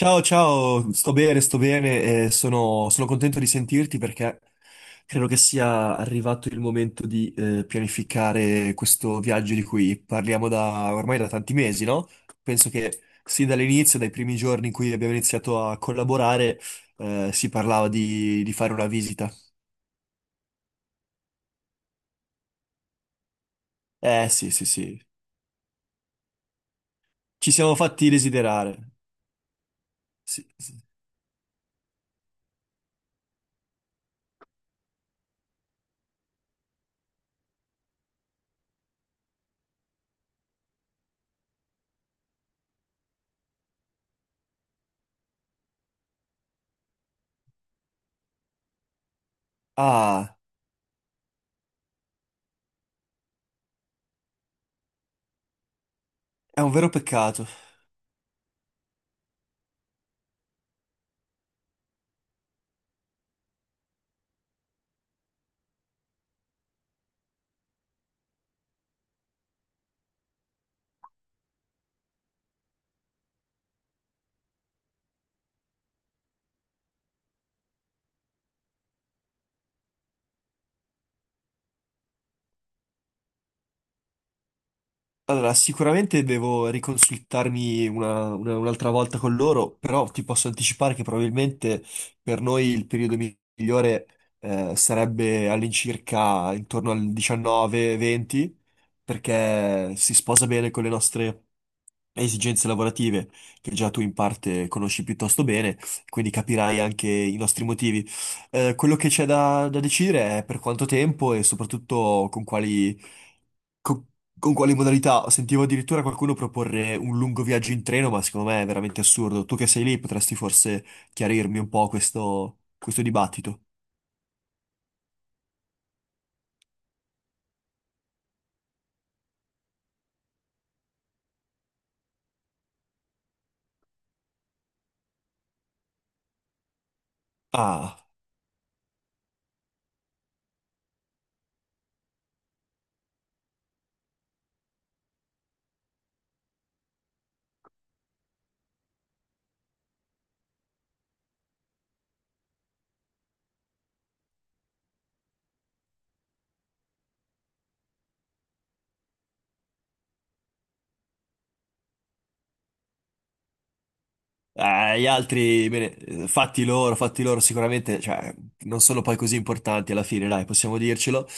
Ciao, ciao, sto bene e sono contento di sentirti perché credo che sia arrivato il momento di pianificare questo viaggio di cui parliamo da ormai da tanti mesi, no? Penso che sin dall'inizio, dai primi giorni in cui abbiamo iniziato a collaborare, si parlava di fare una visita. Eh sì, sì, sì, ci siamo fatti desiderare. Sì, sì. Ah, è un vero peccato. Allora, sicuramente devo riconsultarmi un'altra volta con loro, però ti posso anticipare che probabilmente per noi il periodo migliore sarebbe all'incirca intorno al 19-20, perché si sposa bene con le nostre esigenze lavorative che già tu in parte conosci piuttosto bene, quindi capirai anche i nostri motivi. Quello che c'è da decidere è per quanto tempo e soprattutto con quali, co- con quali modalità. Sentivo addirittura qualcuno proporre un lungo viaggio in treno, ma secondo me è veramente assurdo. Tu che sei lì potresti forse chiarirmi un po' questo dibattito. Ah. Gli altri, bene, fatti loro sicuramente, cioè, non sono poi così importanti alla fine, dai, possiamo dircelo.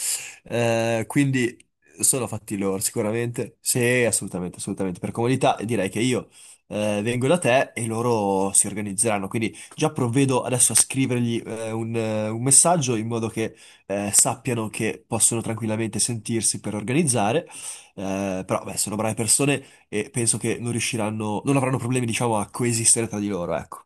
Quindi sono fatti loro, sicuramente. Sì, assolutamente, assolutamente. Per comodità direi che io vengo da te e loro si organizzeranno. Quindi già provvedo adesso a scrivergli un messaggio in modo che sappiano che possono tranquillamente sentirsi per organizzare. Però, beh, sono brave persone e penso che non riusciranno, non avranno problemi, diciamo, a coesistere tra di loro, ecco.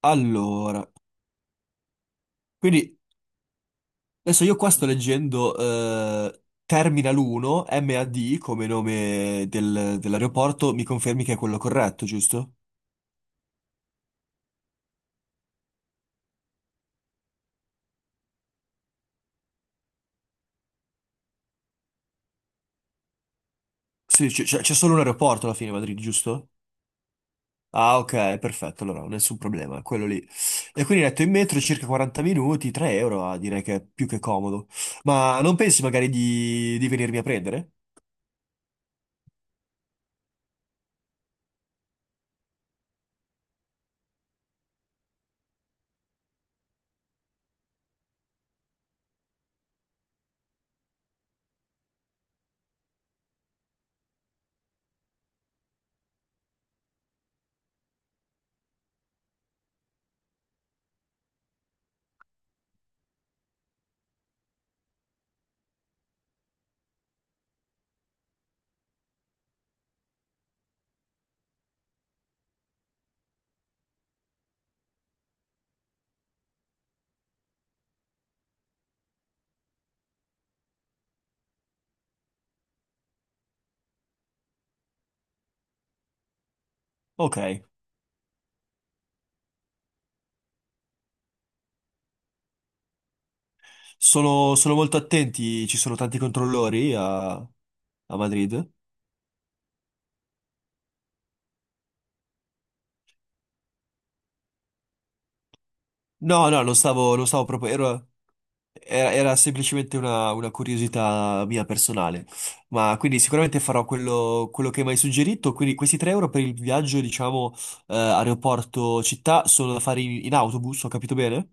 Allora, quindi adesso io qua sto leggendo Terminal 1 MAD come nome dell'aeroporto, mi confermi che è quello corretto, giusto? Sì, c'è solo un aeroporto alla fine, a Madrid, giusto? Ah, ok, perfetto, allora nessun problema, quello lì. E quindi detto in metro circa 40 minuti, 3 euro, ah, direi che è più che comodo. Ma non pensi magari di venirmi a prendere? Ok. Sono, sono molto attenti, ci sono tanti controllori a, a Madrid. No, no, non stavo proprio. Era, era semplicemente una curiosità mia personale. Ma quindi sicuramente farò quello, quello che mi hai suggerito. Quindi questi 3 euro per il viaggio, diciamo, aeroporto-città sono da fare in, in autobus, ho capito bene?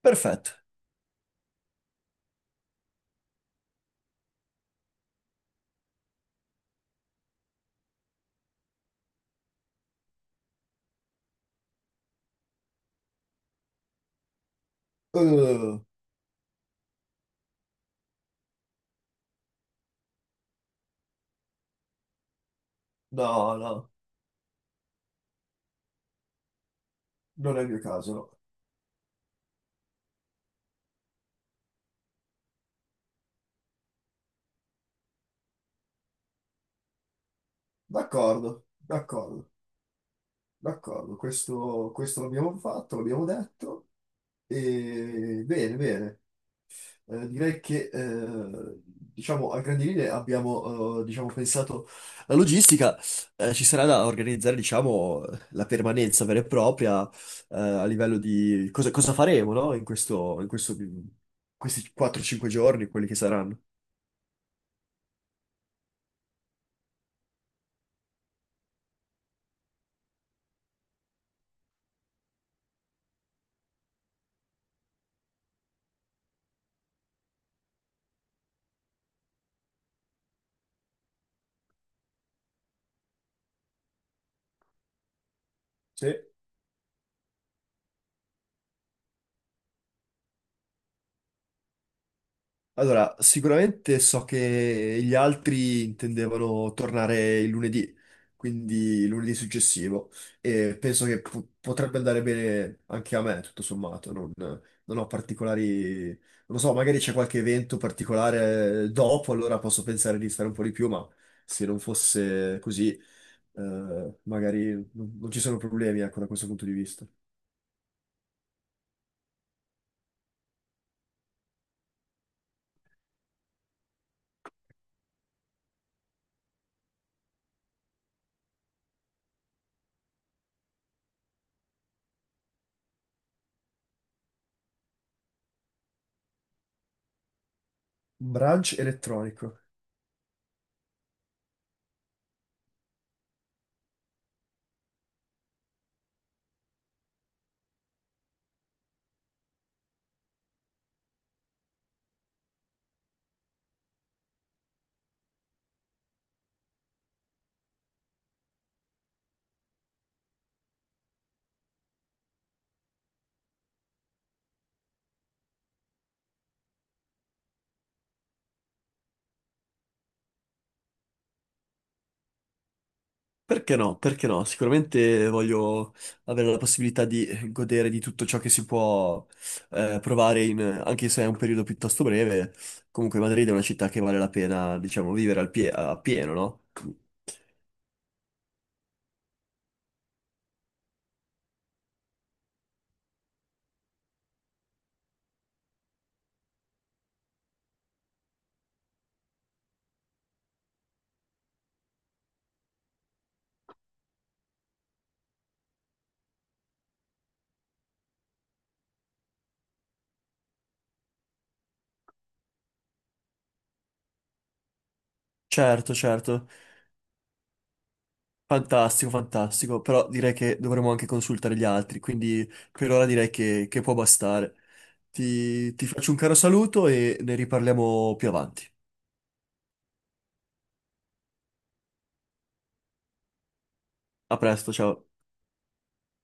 Perfetto. Eh, no, no, non è il mio caso, no. D'accordo, d'accordo, d'accordo. Questo l'abbiamo fatto, l'abbiamo detto. E, bene, bene. Direi che diciamo, a grandi linee abbiamo diciamo, pensato la logistica. Ci sarà da organizzare diciamo, la permanenza vera e propria a livello di cosa, cosa faremo no? In questo, in questi 4-5 giorni, quelli che saranno. Sì. Allora, sicuramente so che gli altri intendevano tornare il lunedì, quindi lunedì successivo, e penso che potrebbe andare bene anche a me, tutto sommato. Non, non ho particolari, non lo so, magari c'è qualche evento particolare dopo, allora posso pensare di stare un po' di più, ma se non fosse così, magari non, non ci sono problemi, ecco, da questo punto di vista. Brunch elettronico. Perché no? Perché no? Sicuramente voglio avere la possibilità di godere di tutto ciò che si può provare, anche se è un periodo piuttosto breve. Comunque Madrid è una città che vale la pena, diciamo, vivere a pieno, no? Certo, certo. Fantastico, fantastico. Però direi che dovremmo anche consultare gli altri, quindi per ora direi che può bastare. Ti faccio un caro saluto e ne riparliamo più avanti. A presto, ciao.